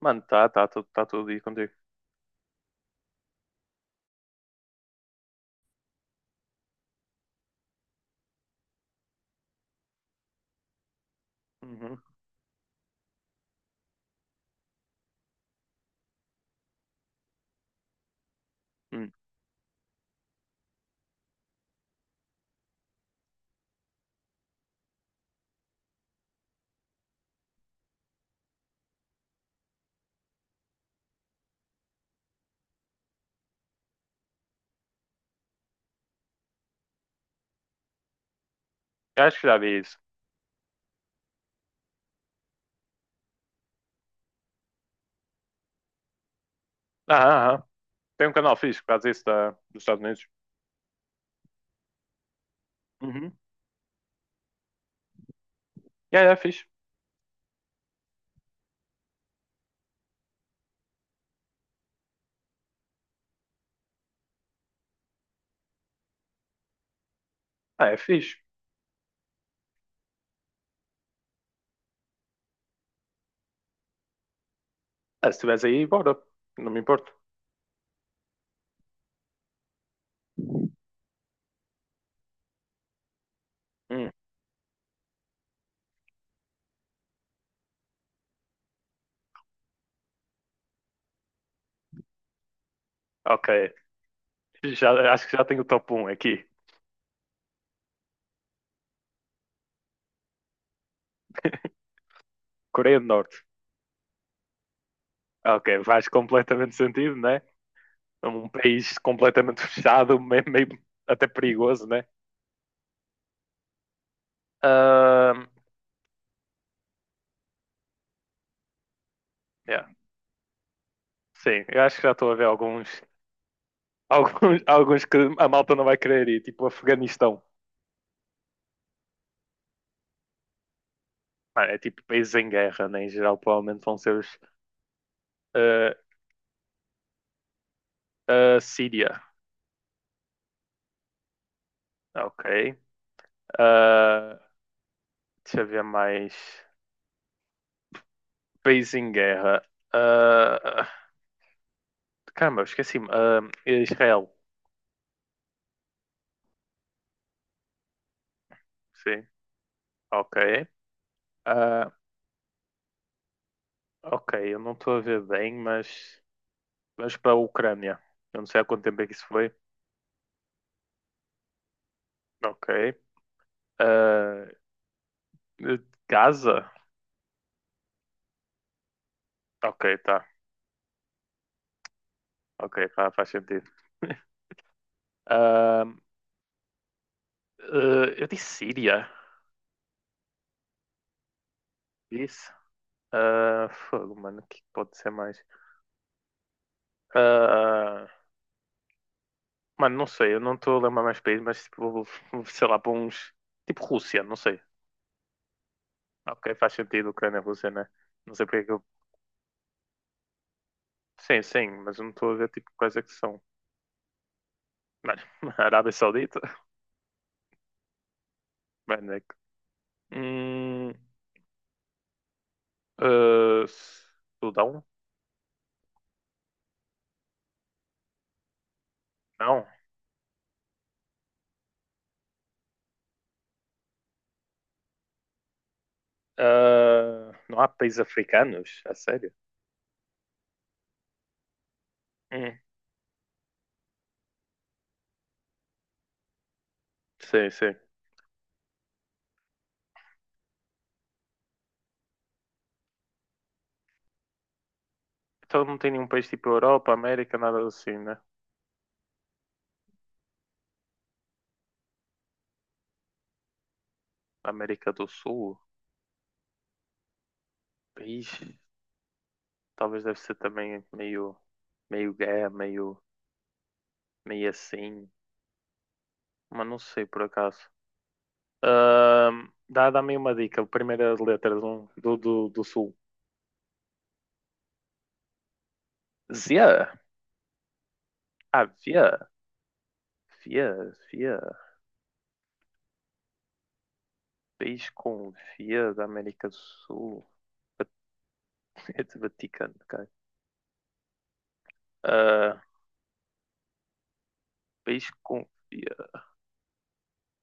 Mano, tá, tá, tá tudo aí contigo. Uhum. Hum. Acho que já vi isso. Ah, ah, ah. Tem um canal fixe que faz isso dos Estados Unidos. Uhum. É fixe. Ah, é fixe. Ah, se estiveres aí, bora. Não me importo. Hum, ok. Acho que já tenho o top um aqui. Coreia do Norte. Ok, faz completamente sentido, né? É um país completamente fechado, meio, meio até perigoso, né? Ahm, yeah. Sim, eu acho que já estou a ver alguns, alguns que a malta não vai querer ir, tipo Afeganistão. Mano, é tipo países em guerra, né? Em geral, provavelmente vão ser os. A Síria, ok. Ah, deixa eu ver mais. Países em guerra. Ah, caramba, eu esqueci-me. Ah, Israel, sim, ok. Ah, ok, eu não estou a ver bem, mas. Vamos para a Ucrânia. Eu não sei há quanto tempo é que isso foi. Ok. Ah, Gaza? Ok, tá. Ok, faz sentido. Ah, ah, eu disse Síria. Disse. Ah, fogo, mano, o que pode ser mais? Ah, mano, não sei, eu não estou a lembrar mais países, mas tipo, sei lá, para uns. Tipo Rússia, não sei. Ah, ok, faz sentido, Ucrânia e Rússia, né? Não sei porque é que eu. Sim, sim, mas eu não estou a ver tipo quais é que são. Mano, Arábia Saudita? Mano, é que. Hum, ah, Sudão? Não. Ah, não há países africanos? A sério? Hum, sim, sim. Então não tem nenhum país tipo Europa, América, nada assim, né? América do Sul? País. Talvez deve ser também meio, meio guerra, meio, meio assim. Mas não sei por acaso. Dá-me uma dica. A primeira letra de do sul. Zia. Ah, via. Via, via. País com via da América do Sul. Vat- Vaticano, cara. Ah, país com via.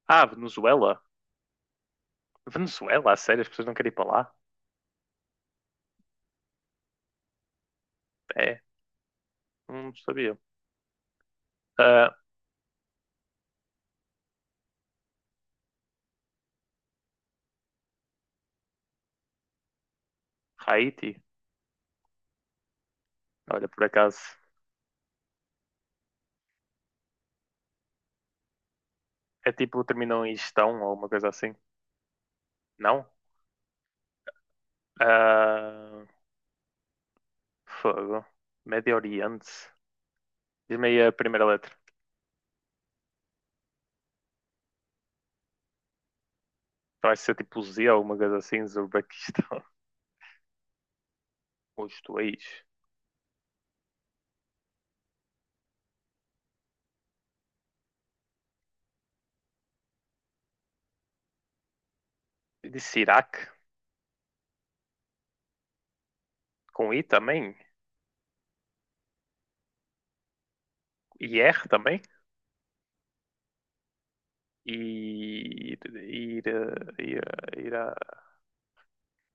Ah, Venezuela. Venezuela, a sério, as pessoas não querem ir para lá? É, não sabia. Ah, Haiti. Olha, por acaso. É tipo, terminam em gestão ou uma coisa assim. Não? Ah, fogo. Médio Oriente. Diz-me aí a primeira letra. Então vai ser tipo Z ou uma coisa assim, Uzbequistão. Os dois. Disse Iraque. Com I também. I R também. Ir. Ir. Ir.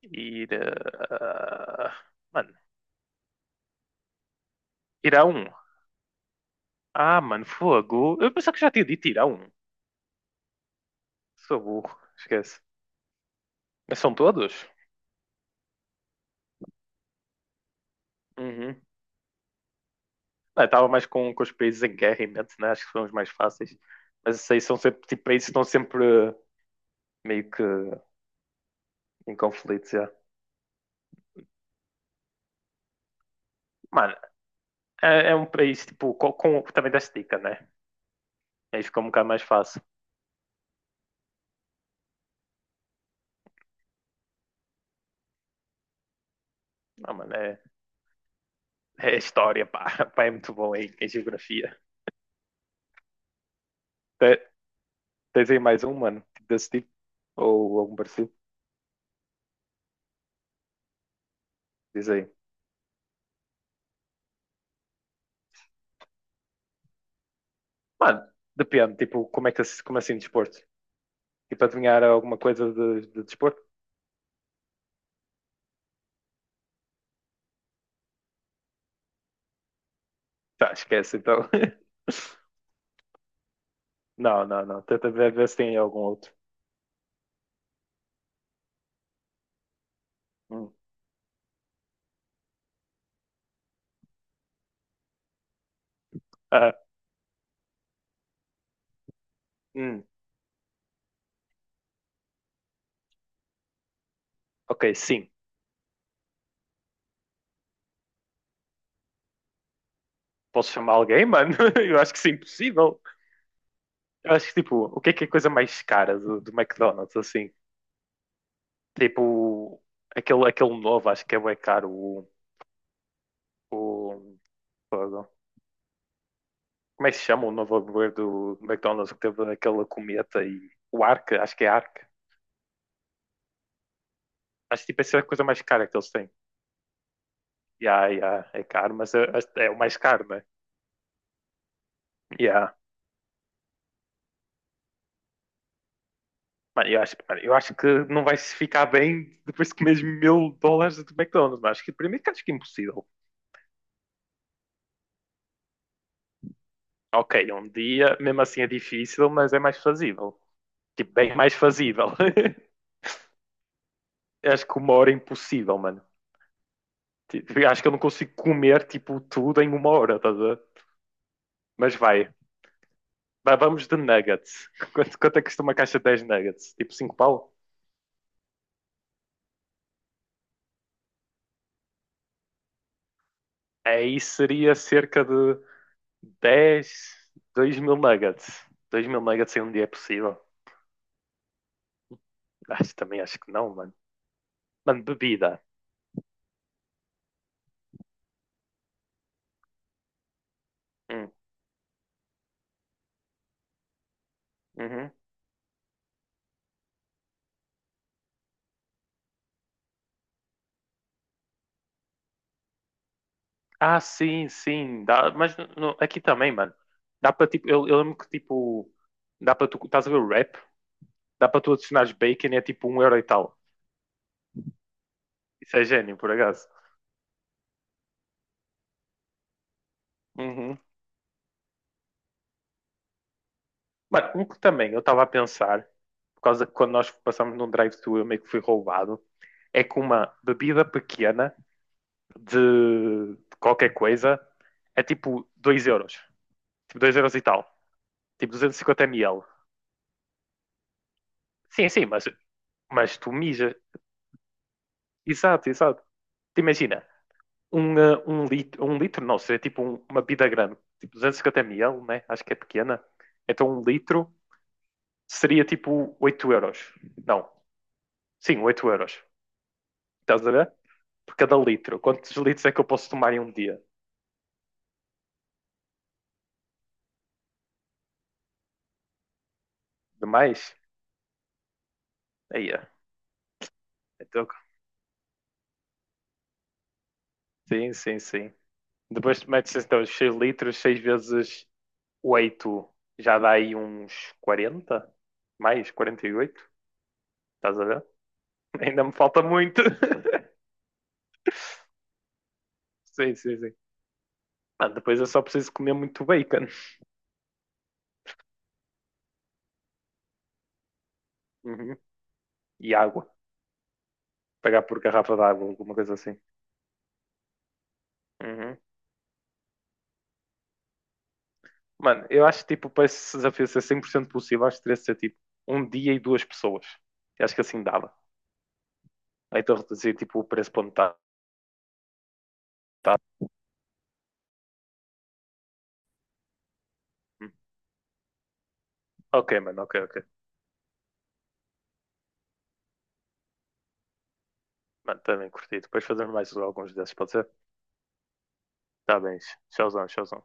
Ir. Ir, mano. Irão. Ah, mano, fogo. Eu pensava que já tinha dito Irão. Sou burro. Esquece. Mas são todos? Uhum. Ah, eu tava mais com os países em guerra em mente, né? Acho que são os mais fáceis. Mas esses aí são sempre tipo, países que estão sempre meio que em conflito, já. Mano, é um país tipo, com também desta dica, né? Aí fica um bocado mais fácil. Ah, mano, é história, pá. Pá, é muito bom em geografia. Te- Tens aí mais um, mano, tipo desse tipo? Ou algum parecido? Diz aí. Mano, depende, tipo, como é que como assim desporto? Tipo, adivinhar alguma coisa de desporto? Tá, esquece então. Não, não, não. Tenta ver se tem algum outro. Hum. Ah, hum. Ok, sim. Posso chamar alguém, mano? Eu acho que isso é impossível. Eu acho que, tipo, o que é a coisa mais cara do McDonald's, assim? Tipo, aquele novo, acho que é bem caro. O, Fogo. Como é que se chama o novo hambúrguer do McDonald's que teve aquela cometa e o Ark? Acho que é Ark. Acho que, tipo, essa é a coisa mais cara que eles têm. Yeah, yeah, é caro, mas é o mais caro, né? Yeah. Mano, eu acho que não vai se ficar bem depois de comeres US$ 1.000 de McDonald's. Mas acho que primeiro que acho que é impossível. Ok, é um dia, mesmo assim é difícil, mas é mais fazível. Tipo, bem mais fazível. Eu acho que uma hora é impossível, mano. Tipo, eu acho que eu não consigo comer, tipo, tudo em uma hora, estás a ver? Mas vai. Vamos de nuggets. Quanto é que custa uma caixa de 10 nuggets? Tipo cinco pau? Aí seria cerca de 10 2.000 nuggets. 2.000 nuggets em um dia é possível. Também acho que não, mano. Mano, bebida. Hum, uhum. Ah, sim, sim. Dá, mas aqui também, mano. Dá para tipo. Eu lembro que tipo. Dá para tu. Estás a ver o rap? Dá para tu adicionares bacon e é tipo um euro e tal. Isso é gênio, por acaso. Uhum. Mano, um que também eu estava a pensar, por causa que quando nós passamos num drive-thru eu meio que fui roubado, é que uma bebida pequena de qualquer coisa é tipo 2 euros. Tipo 2 euros e tal. Tipo 250 ml. Sim, sim, mas tu mija. Exato, exato. Te imagina, um litro não, seria tipo uma bida grande, tipo 250 ml, né? Acho que é pequena. Então um litro seria tipo 8 euros. Não, sim, 8 euros. Estás a ver? Por cada litro. Quantos litros é que eu posso tomar em um dia? Demais? Aí é. Então, sim, sim, sim. Depois tu metes então 6 litros, 6 vezes 8, já dá aí uns 40. Mais, 48. Estás a ver? Ainda me falta muito. Sim, sim, sim. Mano, depois eu só preciso comer muito bacon. Uhum. E água. Pagar por garrafa de água, alguma coisa assim. Uhum. Mano, eu acho que tipo, para esse desafio ser 100% possível, acho que teria de ser tipo um dia e duas pessoas. Eu acho que assim dava. Ou então reduzir tipo o preço para metade. Tá. Ok, mano, ok, ok. Mano, também curti. Depois fazemos mais alguns desses, pode ser? Tá bem. Tchauzão, tchauzão.